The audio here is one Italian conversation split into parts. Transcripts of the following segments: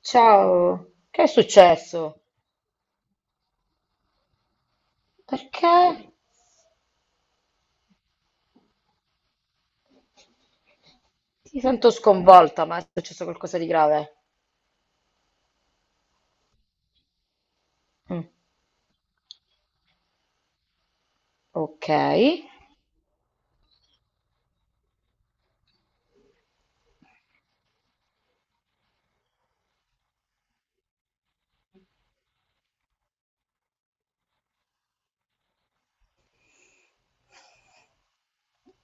Ciao, che è successo? Perché? Ti sento sconvolta, ma è successo qualcosa di grave? Mm, ok,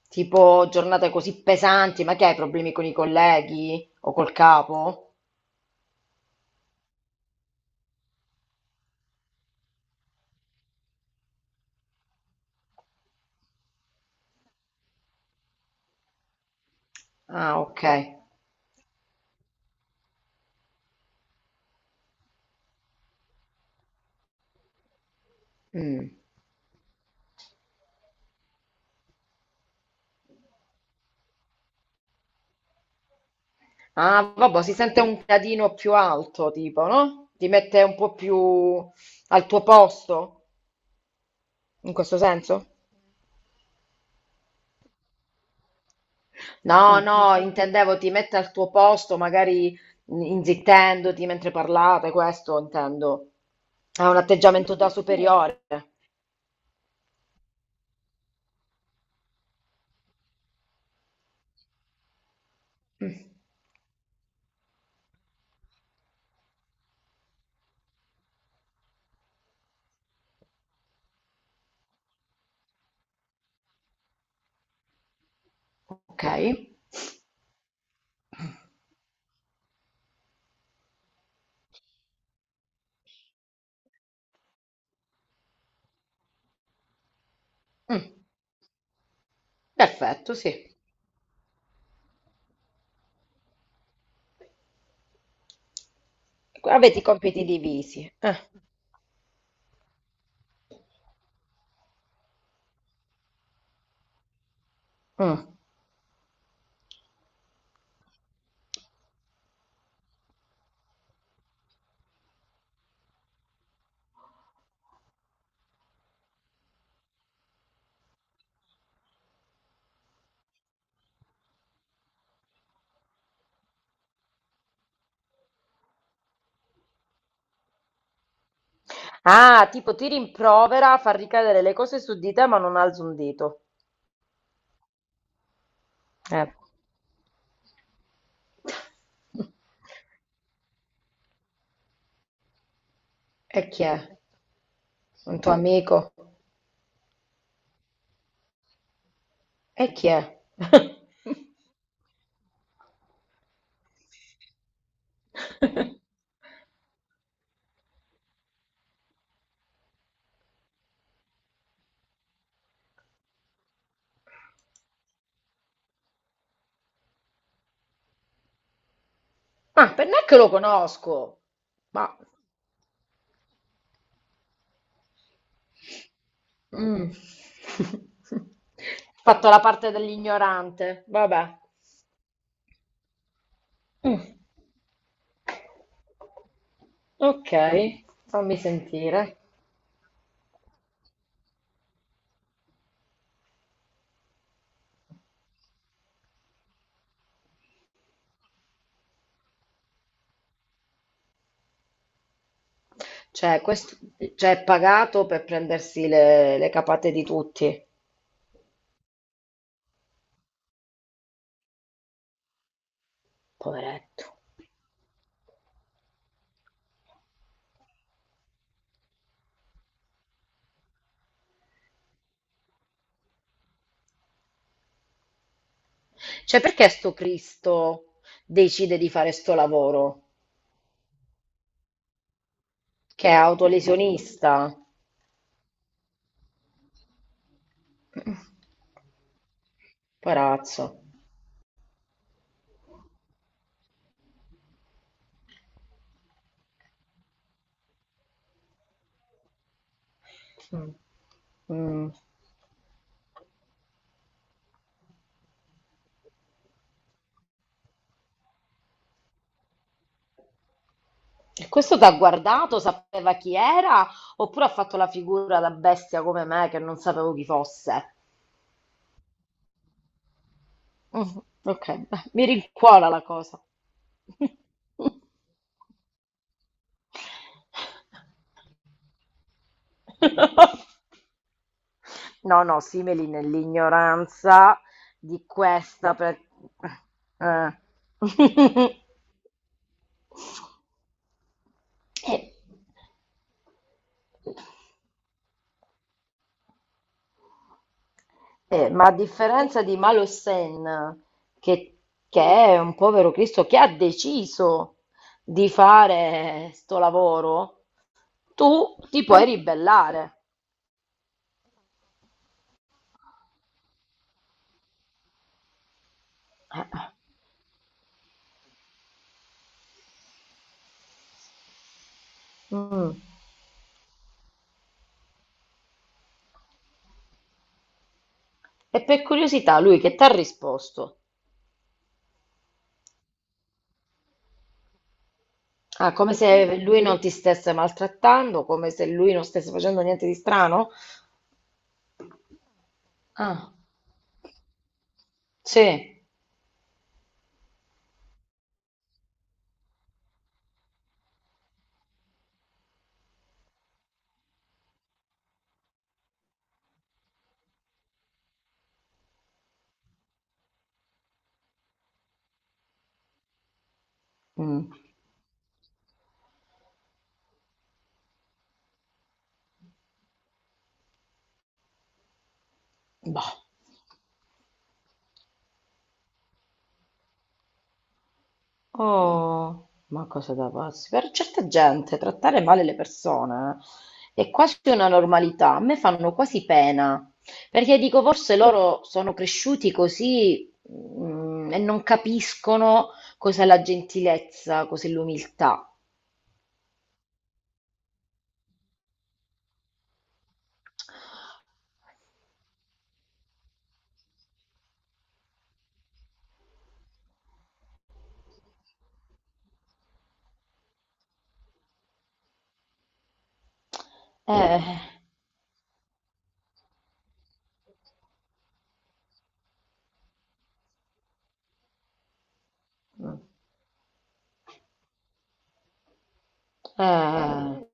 tipo giornate così pesanti, ma che hai problemi con i colleghi o col capo? Ah, ok. Mm. Ah, vabbè, si sente un gradino più alto, tipo, no? Ti mette un po' più al tuo posto, in questo senso? No, no, intendevo ti mette al tuo posto, magari inzittendoti mentre parlate, questo intendo. Ha un atteggiamento da superiore. Ok? Mm, perfetto, sì. Avete i compiti divisi. Eh, mm. Ah, tipo ti rimprovera, fa ricadere le cose su di te, ma non alza un dito. Eh. E chi è? Un tuo amico? E chi è? Ma per me che lo conosco, ma mm. Fatto la parte dell'ignorante, vabbè. Mm. Ok, fammi sentire. Cioè, questo, cioè, è pagato per prendersi le capate di tutti, poveretto. Cioè, perché sto Cristo decide di fare sto lavoro? Che è autolesionista? Mm. Poverazzo. Mm. Mm. E questo ti ha guardato, sapeva chi era, oppure ha fatto la figura da bestia come me che non sapevo chi fosse? Mm, ok, beh, mi rincuora la cosa. No, no, simili nell'ignoranza di questa... eh. Eh. Ma a differenza di Malo Sen, che, che è un povero Cristo che ha deciso di fare sto lavoro, tu ti puoi ribellare. Eh, mm. E per curiosità, lui che ti ha risposto? Ah, come se lui non ti stesse maltrattando, come se lui non stesse facendo niente di strano? Ah, sì. Mm. Boh. Oh, ma cosa da pazzi? Per certa gente trattare male le persone, è quasi una normalità, a me fanno quasi pena, perché dico forse loro sono cresciuti così, e non capiscono cos'è la gentilezza, cos'è l'umiltà. Eh, eh,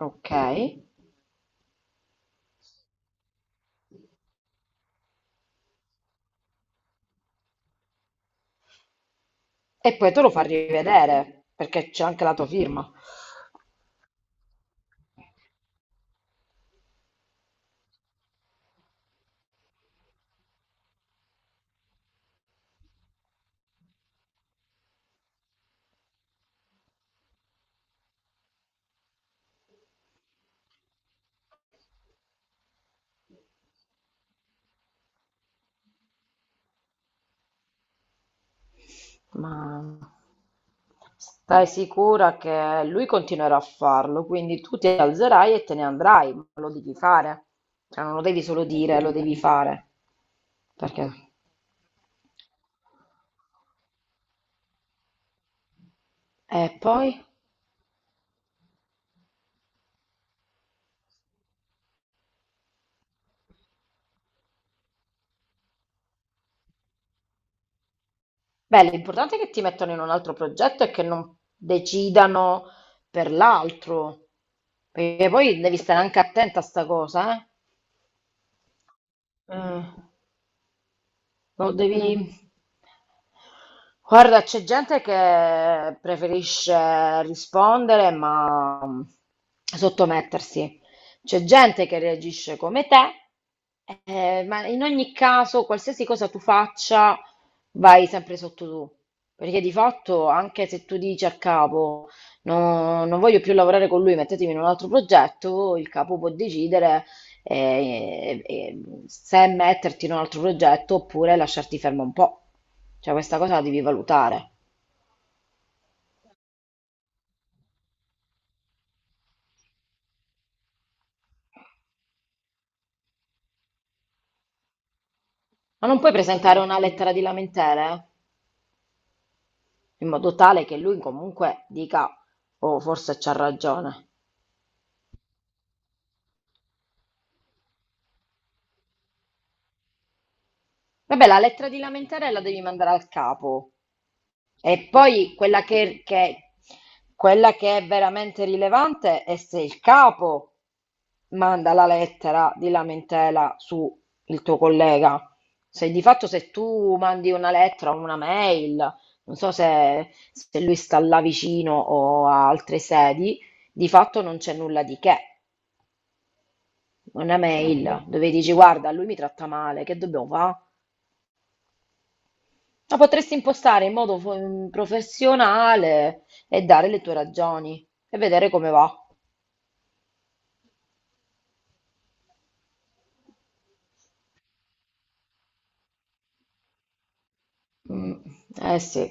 ok, e poi te lo fa rivedere, perché c'è anche la tua firma. Ma stai sicura che lui continuerà a farlo, quindi tu ti alzerai e te ne andrai, ma lo devi fare. Cioè, non lo devi solo dire, lo devi fare. Perché? E poi? Beh, l'importante è che ti mettano in un altro progetto e che non decidano per l'altro. Perché poi devi stare anche attenta a sta cosa, eh? Mm. Lo devi... Guarda, c'è gente che preferisce rispondere ma sottomettersi. C'è gente che reagisce come te, ma in ogni caso, qualsiasi cosa tu faccia, vai sempre sotto tu. Perché di fatto, anche se tu dici al capo, "No, non voglio più lavorare con lui, mettetemi in un altro progetto", il capo può decidere, eh, eh, se metterti in un altro progetto oppure lasciarti fermo un po'. Cioè, questa cosa la devi valutare. Ma non puoi presentare una lettera di lamentele, eh? In modo tale che lui comunque dica, oh, forse c'ha ragione. Vabbè, la lettera di lamentele la devi mandare al capo. E poi quella che è veramente rilevante è se il capo manda la lettera di lamentela su il tuo collega. Se di fatto se tu mandi una lettera o una mail, non so se lui sta là vicino o a altre sedi, di fatto non c'è nulla di che. Una mail, mhm, dove dici guarda, lui mi tratta male, che dobbiamo fare? Ma potresti impostare in modo professionale e dare le tue ragioni e vedere come va. Mm. Eh sì,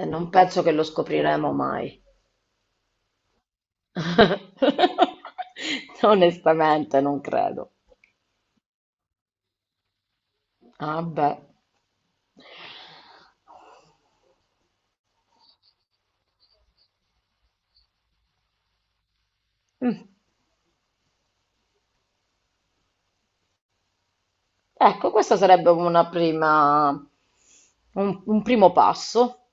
e non penso che lo scopriremo mai. Onestamente non credo. Ah, beh. Mm. Ecco, questo sarebbe una prima, un primo passo.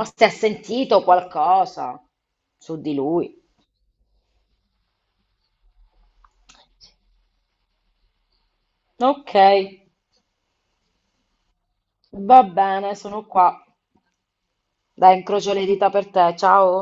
O se ha sentito qualcosa su di lui. Ok, va bene, sono qua. Dai, incrocio le dita per te. Ciao.